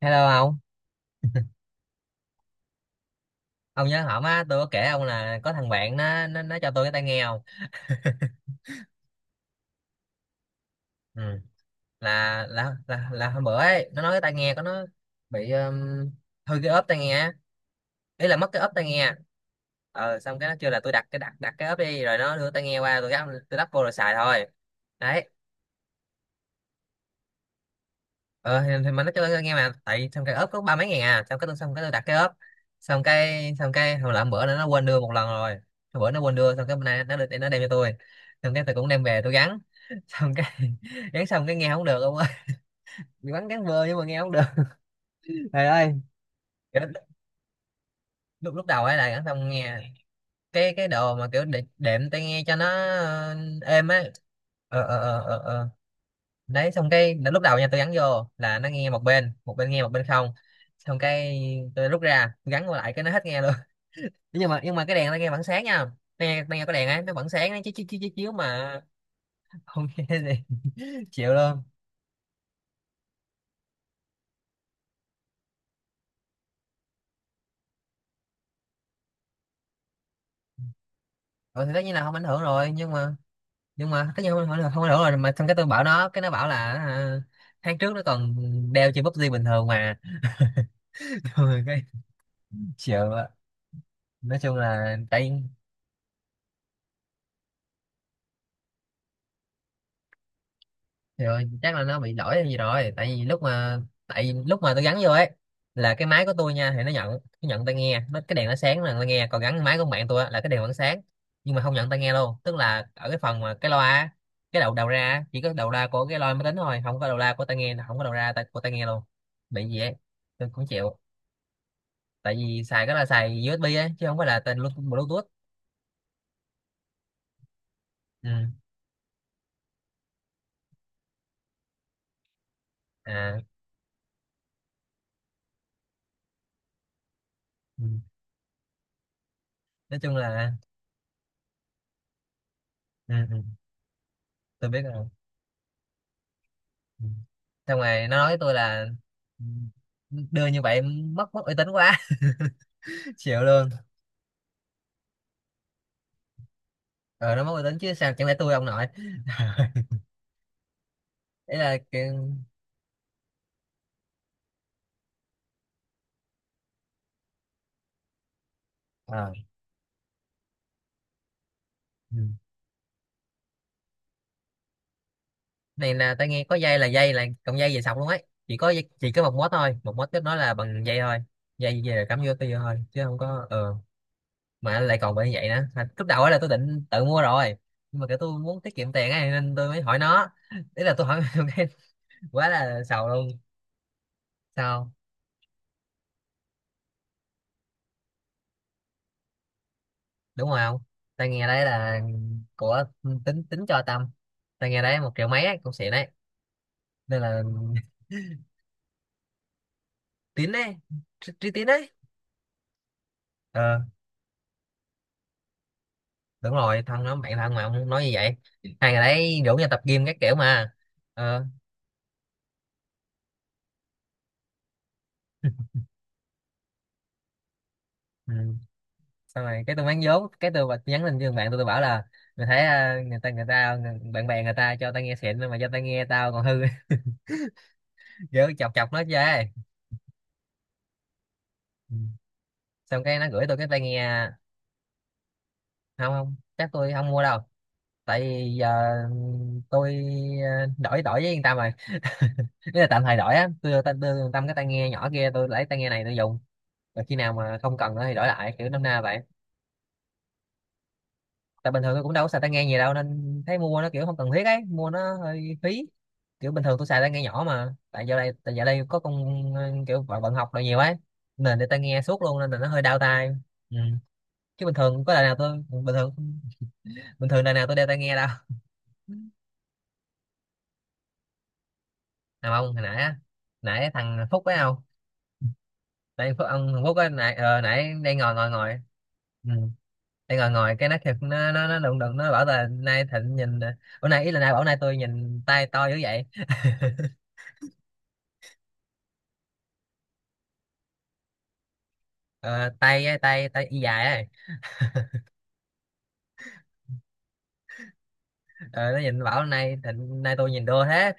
Hello ông nhớ hổm á, tôi có kể ông là có thằng bạn nó cho tôi cái tai nghe không? Ừ. Là hôm bữa ấy, nó nói cái tai nghe của nó bị hư cái ốp tai nghe á. Ý là mất cái ốp tai nghe. Ờ xong cái nó kêu là tôi đặt cái đặt đặt cái ốp đi rồi nó đưa tai nghe qua tôi gắp tôi đắp vô rồi xài thôi. Đấy, ờ thì mình nói cho tôi nghe mà tại xong cái ốp có ba mấy ngàn à, xong cái tôi đặt cái ốp, xong cái hồi làm bữa nữa nó quên đưa một lần rồi. Hồi bữa nó quên đưa, xong cái bữa nay nó được nó đem cho tôi, xong cái tôi cũng đem về tôi gắn, xong cái gắn xong cái nghe không được ông ơi. Gắn gắn vơ nhưng mà nghe không được. Trời ơi, kiểu, lúc lúc lúc đầu ấy là gắn xong nghe. Cái đồ mà kiểu để, đệm tai nghe cho nó ờ, êm ấy. ờ ờ ờ ờ ờ. Đấy, xong cái lúc đầu nha tôi gắn vô là nó nghe một bên, một bên nghe một bên không, xong cái tôi rút ra gắn vô lại cái nó hết nghe luôn. Nhưng mà cái đèn nó nghe vẫn sáng nha, nghe nghe có đèn ấy nó vẫn sáng, nó chiếu chiếu chiếu chiếu chiếu mà. Không nghe gì. Chịu luôn. Rồi thì tất nhiên là không ảnh hưởng rồi, nhưng mà tất nhiên không ảnh hưởng, không ảnh hưởng rồi mà xong cái tôi bảo nó cái nó bảo là à, tháng trước nó còn đeo trên PUBG bình thường mà. Rồi cái chịu ạ. Nói chung là tại, rồi chắc là nó bị lỗi hay gì rồi, tại vì lúc mà, tại vì lúc mà tôi gắn vô ấy là cái máy của tôi nha thì nó nhận, nó nhận tai nghe nó cái đèn nó sáng là tai nghe, còn gắn máy của bạn tôi á, là cái đèn vẫn sáng nhưng mà không nhận tai nghe luôn, tức là ở cái phần mà cái loa á, cái đầu đầu ra á, chỉ có đầu ra của cái loa máy tính thôi, không có đầu ra của tai nghe, không có đầu ra tai- của tai nghe luôn. Bị gì ấy, tôi cũng chịu. Tại vì xài cái là xài USB ấy chứ không phải là tên Bluetooth. Ừ. À. Ừ. Nói chung là. Ừ. Ừ. Tôi biết rồi. Ừ. Xong rồi nó nói với tôi là "Ừ, đưa như vậy mất mất uy tín quá." Chịu luôn. Ờ nó mất uy tín chứ sao, chẳng lẽ tôi ông nội. Ý là kiểu-. Ờ. Ừ. Này là tao nghe có dây là dây, là cọng dây về sọc luôn ấy, chỉ có dây- chỉ có một mốt thôi, một mốt kết nó là bằng dây thôi, dây về cắm vô tôi vô thôi chứ không có ờ. Mà lại còn bị như vậy nữa. Mà lúc đầu ấy là tôi định tự mua rồi, nhưng mà kiểu tôi muốn tiết kiệm tiền ấy nên tôi mới hỏi nó. Ý là tôi hỏi. Cái quá là sầu luôn. Sao đúng rồi không. Tai nghe đấy là của tính tính cho tâm. Tai nghe đấy một triệu mấy ấy, cũng xịn đấy nên là. Tín đấy, trí Trí tín đấy. Ờ đúng rồi, thân nó bạn thân mà ông nói như vậy, hai ngày đấy rủ nhau tập gym các kiểu mà. Ờ. Ừ. Sau này cái tôi bán vốn cái tôi bật nhắn tin cho thằng bạn tôi bảo là mày thấy à, người ta bạn bè người ta cho tao nghe xịn mà cho tao nghe tao còn hư. Kiểu chọc chọc nó chơi. Ừ. Xong cái nó gửi tôi cái tai nghe. Không không, chắc tôi không mua đâu, tại vì giờ tôi ờ, đổi đổi với yên tâm rồi. Ý là tạm thời đổi á, tôi đưa yên tâm cái tai nghe nhỏ kia, tôi lấy tai nghe này tôi dùng, rồi khi nào mà không cần nữa thì đổi lại kiểu năm na vậy. Tại bình thường tôi cũng đâu có xài tai nghe gì đâu, nên thấy mua nó kiểu không cần thiết ấy, mua nó hơi phí. Kiểu bình thường tôi xài tai nghe nhỏ, mà tại giờ đây có con ờ, kiểu bận, bận học rồi nhiều ấy, nên để tai nghe suốt luôn nên là nó hơi đau tai. Ừ. Chứ bình thường có đời nào tôi, bình thường đời nào tôi đeo tai nghe đâu. Nào ông hồi nãy á, nãy thằng Phúc phải không? Tại Phú- ông Hồng Phúc á nãy ờ, nãy đang ngồi ngồi ngồi. Ừ. Đang ngồi ngồi cái nó thiệt nó đụng đụng nó bảo là nay Thịnh nhìn ờ, bữa nay ý là nay bảo nay tôi nhìn tay to dữ vậy. Ờ, tay á, tay tay y dài ấy. Ờ, nó nhìn bảo nay Thịnh nay tôi nhìn đô thế,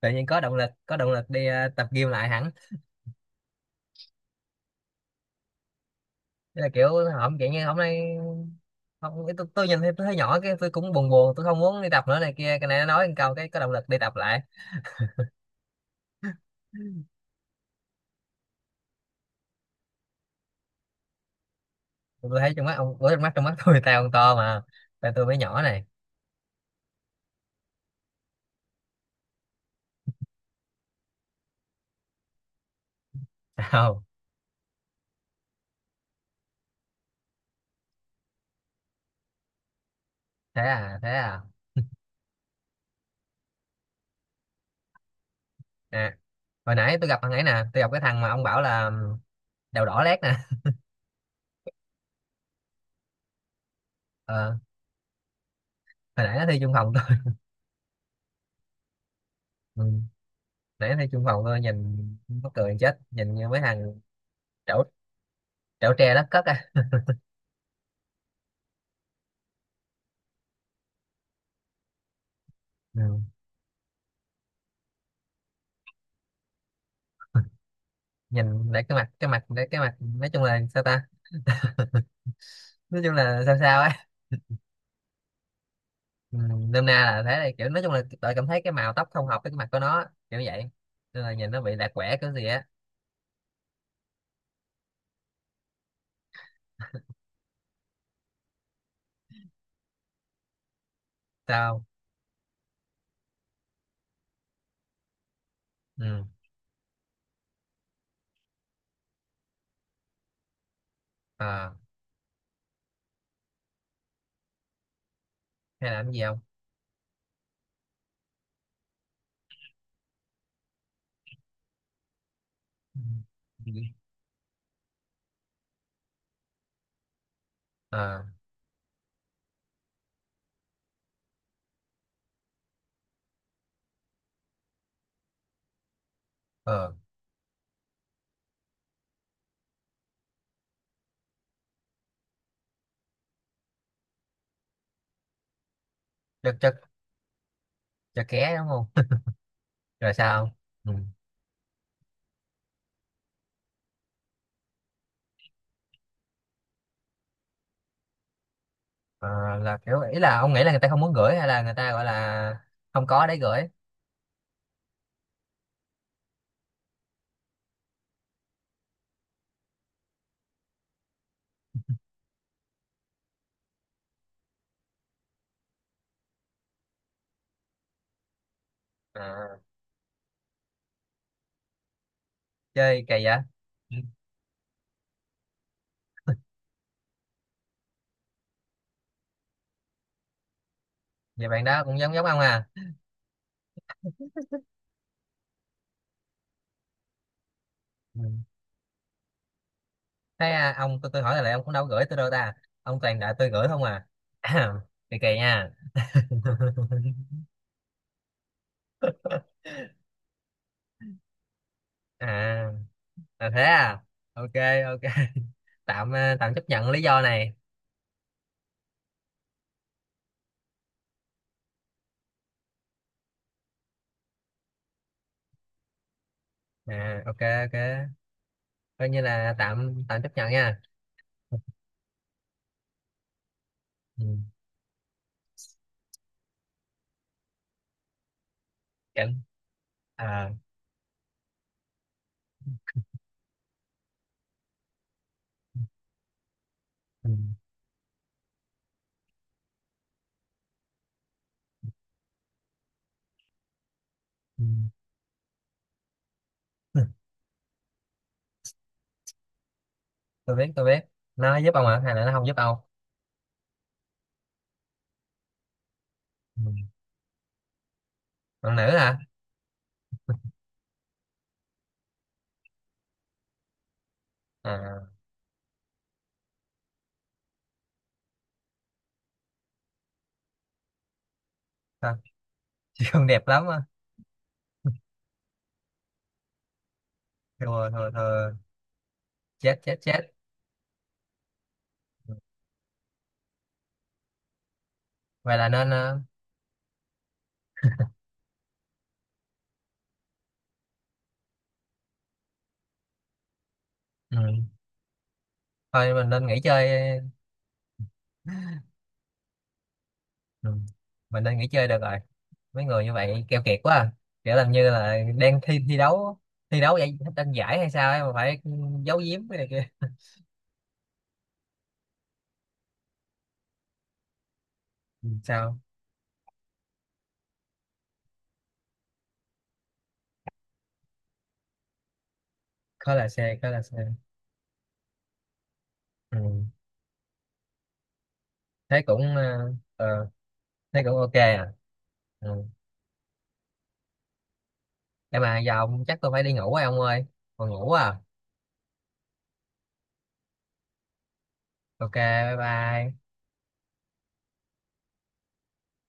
tự nhiên có động lực, có động lực đi ờ, tập gym lại hẳn. Thế là kiểu, hổng kiểu như hôm nay. Không tôi nhìn thấy tôi thấy nhỏ cái tôi cũng buồn buồn, tôi không muốn đi tập nữa này kia, cái này nó nói một câu cái có động lực đi tập lại. Tôi thấy trong mắt ông, ủa, trong mắt tôi tay ông to mà, tay tôi mới nhỏ này. Không, thế à, thế à. À, hồi nãy tôi gặp thằng ấy nè, tôi gặp cái thằng mà ông bảo là đầu đỏ lét nè. Ờ, hồi nãy nó thi chung phòng tôi. Ừ. Nãy nó thi chung phòng tôi nhìn mắc cười chết, nhìn như mấy thằng trẩu, trẩu tre đất cất à. Ừ. Nhìn lại cái mặt lại cái mặt nói chung là sao ta? Nói chung là sao sao á. Ừ. Nôm na là thế này, kiểu nói chung là tôi cảm thấy cái màu tóc không hợp với cái mặt của nó, kiểu vậy. Nên là nhìn nó bị lạc quẻ cái gì á. Sao? Ừ. Ờ, hay làm gì không? Ừ. Ờ, ờ. Cho, cho cho ké đúng không? Rồi sao? Ừ. Ờ, là kiểu ý là ông nghĩ là người ta không muốn gửi, hay là người ta gọi là không có để gửi? À. Chơi kỳ vậy. Ừ. Vậy bạn đó cũng giống giống ông à? Ừ. Thế à, ông, tôi hỏi là lại ông cũng đâu có gửi tôi đâu ta, ông toàn đợi tôi gửi không à. Kỳ kỳ nha. À, là thế à. Ok, ok, tạm ờ, tạm chấp nhận lý do này. À ok, ok, coi như là tạm tạm chấp nhận nha. Ừ. Cảm-. À. Ừ. Ừ. Tôi biết tôi biết, nó giúp ông hả, hay là nó không giúp ông? Ừ. Còn nữ hả? À sao? Chị không đẹp lắm á? Thua thua thua. Chết chết chết. Ừ. Vậy là nên ờ,. Ừ. Thôi mình nên nghỉ chơi. Ừ. Mình nên nghỉ chơi được rồi, mấy người như vậy keo kiệt quá à. Kiểu làm như là đang thi, thi đấu, thi đấu giải, tranh giải hay sao ấy mà phải giấu giếm cái này kia. Ừ, sao? Có là xe có là xe. Ừ. Thế cũng ờ, ờ, thế cũng ok à? Ừ. Để mà giờ ông chắc tôi phải đi ngủ rồi ông ơi. Còn ngủ à? Ok bye bye.